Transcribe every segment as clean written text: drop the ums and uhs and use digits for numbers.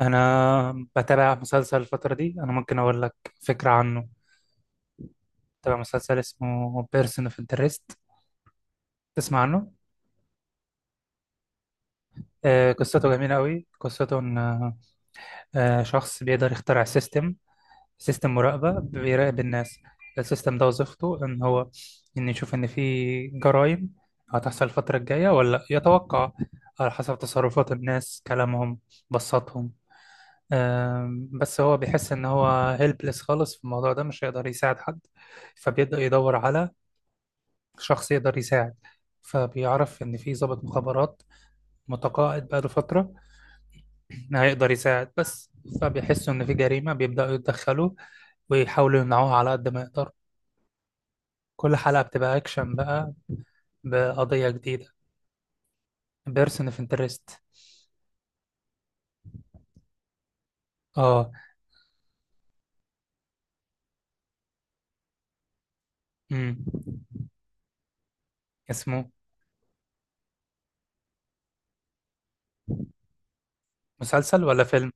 انا بتابع مسلسل الفتره دي، انا ممكن اقول لك فكره عنه. بتابع مسلسل اسمه بيرسون اوف انترست، تسمع عنه؟ قصته جميله قوي. قصته ان شخص بيقدر يخترع سيستم سيستم مراقبه، بيراقب الناس. السيستم ده وظيفته ان هو ان يشوف ان في جرائم هتحصل الفتره الجايه ولا لا. يتوقع على حسب تصرفات الناس، كلامهم، بصاتهم. بس هو بيحس ان هو هيلبلس خالص في الموضوع ده، مش هيقدر يساعد حد. فبيبدأ يدور على شخص يقدر يساعد. فبيعرف ان في ضابط مخابرات متقاعد بقاله فترة هيقدر يساعد. بس فبيحسوا ان في جريمة، بيبدأوا يتدخلوا ويحاولوا يمنعوها على قد ما يقدر. كل حلقة بتبقى اكشن بقى بقضية جديدة. بيرسون اوف انترست. اه. امم. اسمه. مسلسل ولا فيلم؟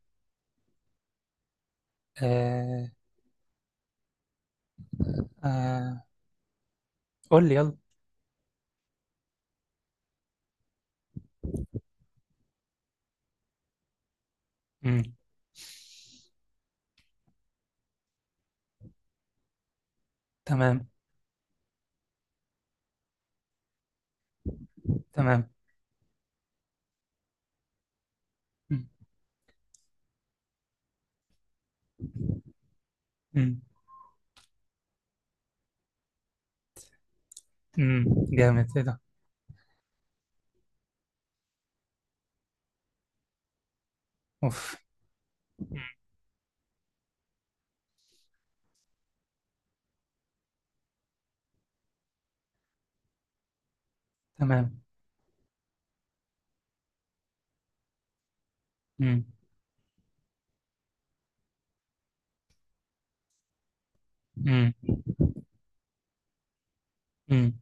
آه. آه، قول لي يلا. امم. تمام. تمام. مم. مم. مم. جامد، ايه ده. اوف. مم. تمام. مم. مم. مم.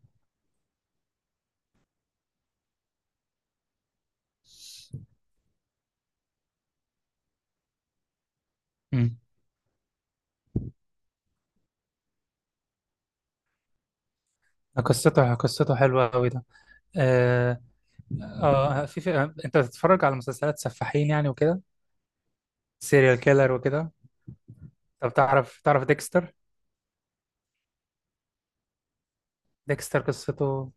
مم. قصته، قصته حلوة أوي ده. آه, آه في, في آه، أنت بتتفرج على مسلسلات سفاحين يعني وكده؟ سيريال كيلر وكده. طب تعرف ديكستر؟ ديكستر قصته.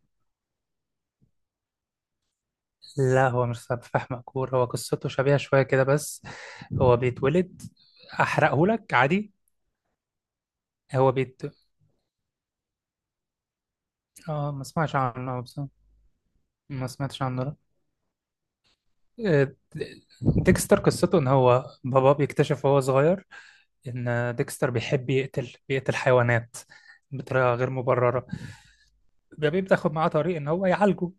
لا، هو مش سفاح مأجور، هو قصته شبيهة شوية كده بس. هو بيتولد. أحرقهولك عادي. هو بيت آه، ما سمعتش عنه بصراحة. ما سمعتش عنه. آه، ديكستر قصته ان هو بابا بيكتشف وهو صغير ان ديكستر بيحب يقتل، بيقتل حيوانات بطريقه غير مبرره. بيبقى بتاخد معاه طريق ان هو يعالجه.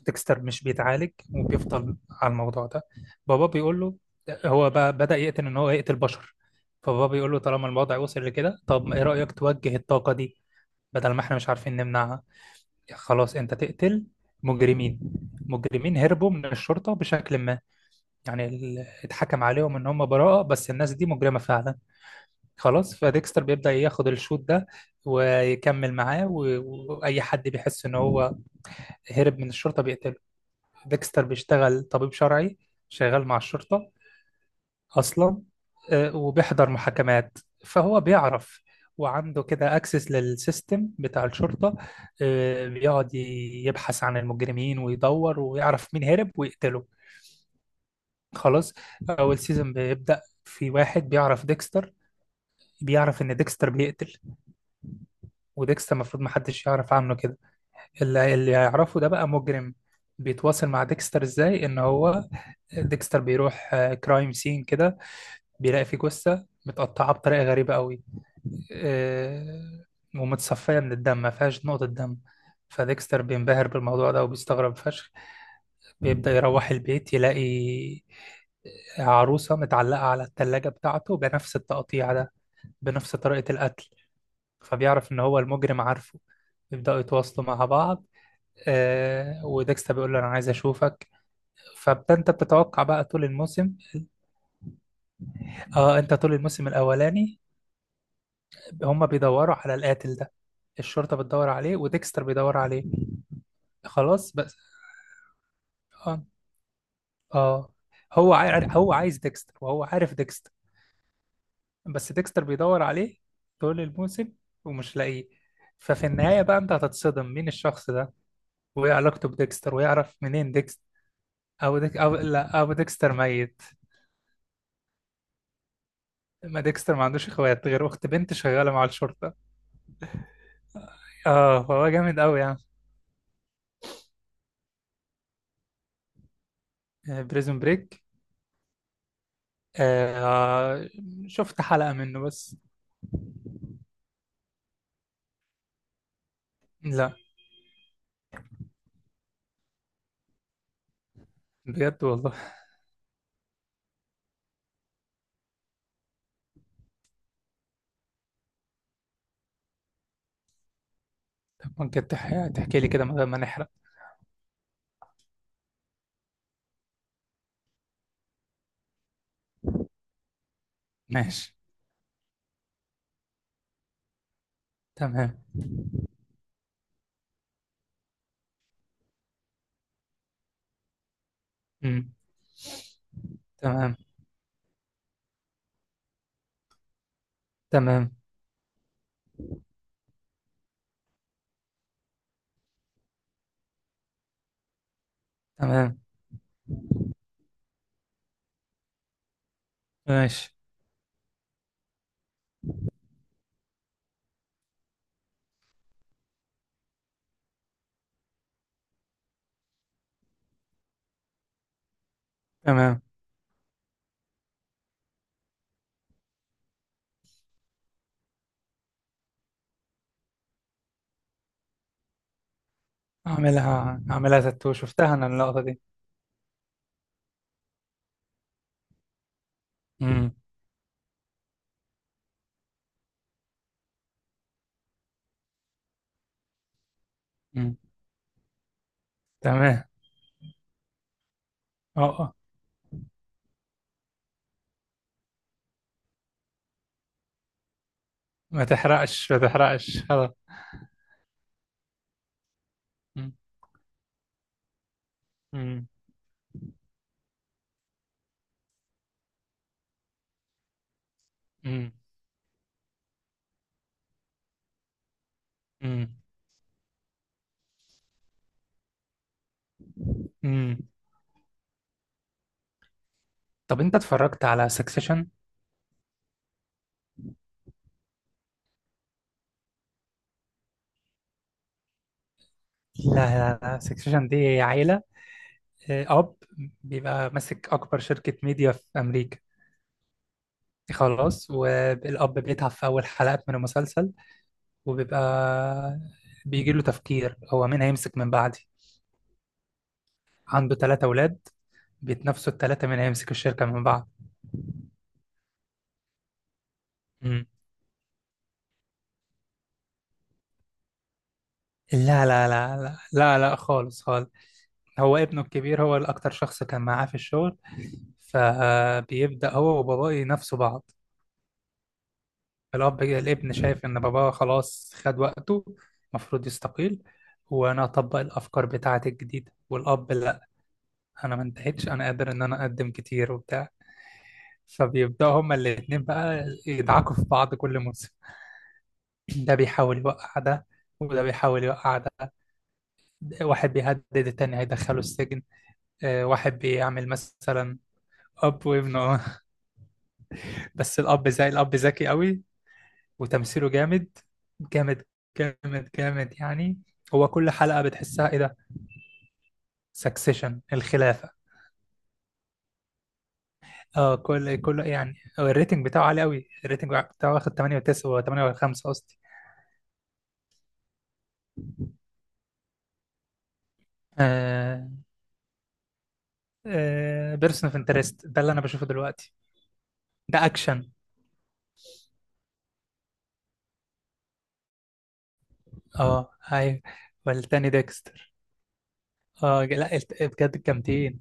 ديكستر مش بيتعالج وبيفضل على الموضوع ده. بابا بيقول له، هو بقى بدأ يقتل، ان هو يقتل بشر. فبابا بيقول له طالما الوضع وصل لكده، طب ايه رأيك توجه الطاقه دي، بدل ما احنا مش عارفين نمنعها، خلاص انت تقتل مجرمين. مجرمين هربوا من الشرطه بشكل ما، يعني اتحكم عليهم ان هم براءة بس الناس دي مجرمة فعلا. خلاص، فديكستر بيبدأ ياخد الشوط ده ويكمل معاه. واي حد بيحس ان هو هرب من الشرطة بيقتله. ديكستر بيشتغل طبيب شرعي، شغال مع الشرطة اصلا. وبيحضر محاكمات. فهو بيعرف، وعنده كده اكسس للسيستم بتاع الشرطة. بيقعد يبحث عن المجرمين ويدور ويعرف مين هرب ويقتله. خلاص. اول سيزون بيبدأ في واحد بيعرف ديكستر، بيعرف ان ديكستر بيقتل. وديكستر المفروض محدش يعرف عنه كده. اللي يعرفه ده بقى مجرم، بيتواصل مع ديكستر. ازاي ان هو ديكستر بيروح كرايم سين كده، بيلاقي فيه جثة متقطعة بطريقة غريبة قوي، آه، ومتصفية من الدم، ما فيهاش نقطة دم. فديكستر بينبهر بالموضوع ده وبيستغرب فشخ. بيبدأ يروح البيت، يلاقي عروسة متعلقة على التلاجة بتاعته بنفس التقطيع ده، بنفس طريقة القتل. فبيعرف إن هو المجرم عارفه. يبدأوا يتواصلوا مع بعض. آه وديكستا بيقول له أنا عايز أشوفك. فأنت بتتوقع بقى طول الموسم. آه، أنت طول الموسم الأولاني، هما بيدوروا على القاتل ده. الشرطة بتدور عليه وديكستر بيدور عليه. خلاص بس. آه, آه. هو عايز ديكستر وهو عارف ديكستر. بس ديكستر بيدور عليه طول الموسم ومش لاقيه. ففي النهاية بقى انت هتتصدم مين الشخص ده وايه علاقته بديكستر ويعرف منين ديكستر. او ديك او لا او ديكستر ميت. ما ديكستر ما عندوش اخوات غير اخت بنت شغالة مع الشرطة. اه فهو جامد قوي يعني. بريزون بريك. آه، شفت حلقة منه بس. لا بجد والله. ممكن تحكي لي كده من غير ما نحرق؟ ماشي. تمام. مم. تمام. تمام. تمام. ماشي. تمام. اعملها اعملها تاتو، شفتها انا اللقطة دي. امم. أمم. تمام. اه آه. ما تحرقش، ما تحرقش، خلاص. أمم. أمم. أمم. أمم. أمم. طب انت اتفرجت على سكسيشن؟ لا لا لا، سكسيشن دي عيلة. اب بيبقى ماسك اكبر شركة ميديا في امريكا. خلاص، والاب بيتعب في اول حلقات من المسلسل، وبيبقى بيجي له تفكير، هو مين هيمسك من بعدي. عنده 3 اولاد، بيتنافسوا الثلاثة مين هيمسك الشركة من بعض. لا لا لا لا لا لا، خالص خالص. هو ابنه الكبير هو الأكتر شخص كان معاه في الشغل. فبيبدأ هو وباباه ينافسوا بعض. الأب، الابن شايف إن باباه خلاص خد وقته، المفروض يستقيل، وأنا أطبق الأفكار بتاعتي الجديدة. والأب لا، أنا ما انتهتش، أنا قادر إن أنا أقدم كتير وبتاع. فبيبدأوا هما الاتنين بقى يدعكوا في بعض كل موسم. ده بيحاول يوقع ده، وده بيحاول يوقع ده. واحد بيهدد التاني هيدخله السجن، واحد بيعمل مثلا. اب وابنه. بس الاب زي الاب ذكي قوي. وتمثيله جامد، جامد، جامد جامد يعني. هو كل حلقة بتحسها ايه ده. سكسيشن الخلافة. اه، كل يعني هو الريتنج بتاعه عالي قوي. الريتنج بتاعه واخد 8 و9 و8 و5 قصدي. آه. آه بيرسون اوف انترست ده اللي انا بشوفه دلوقتي. ده اكشن. اه ايوه. والتاني ديكستر. اه لا بجد جامدين.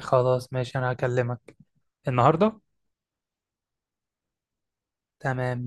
خلاص ماشي، انا هكلمك النهارده. تمام.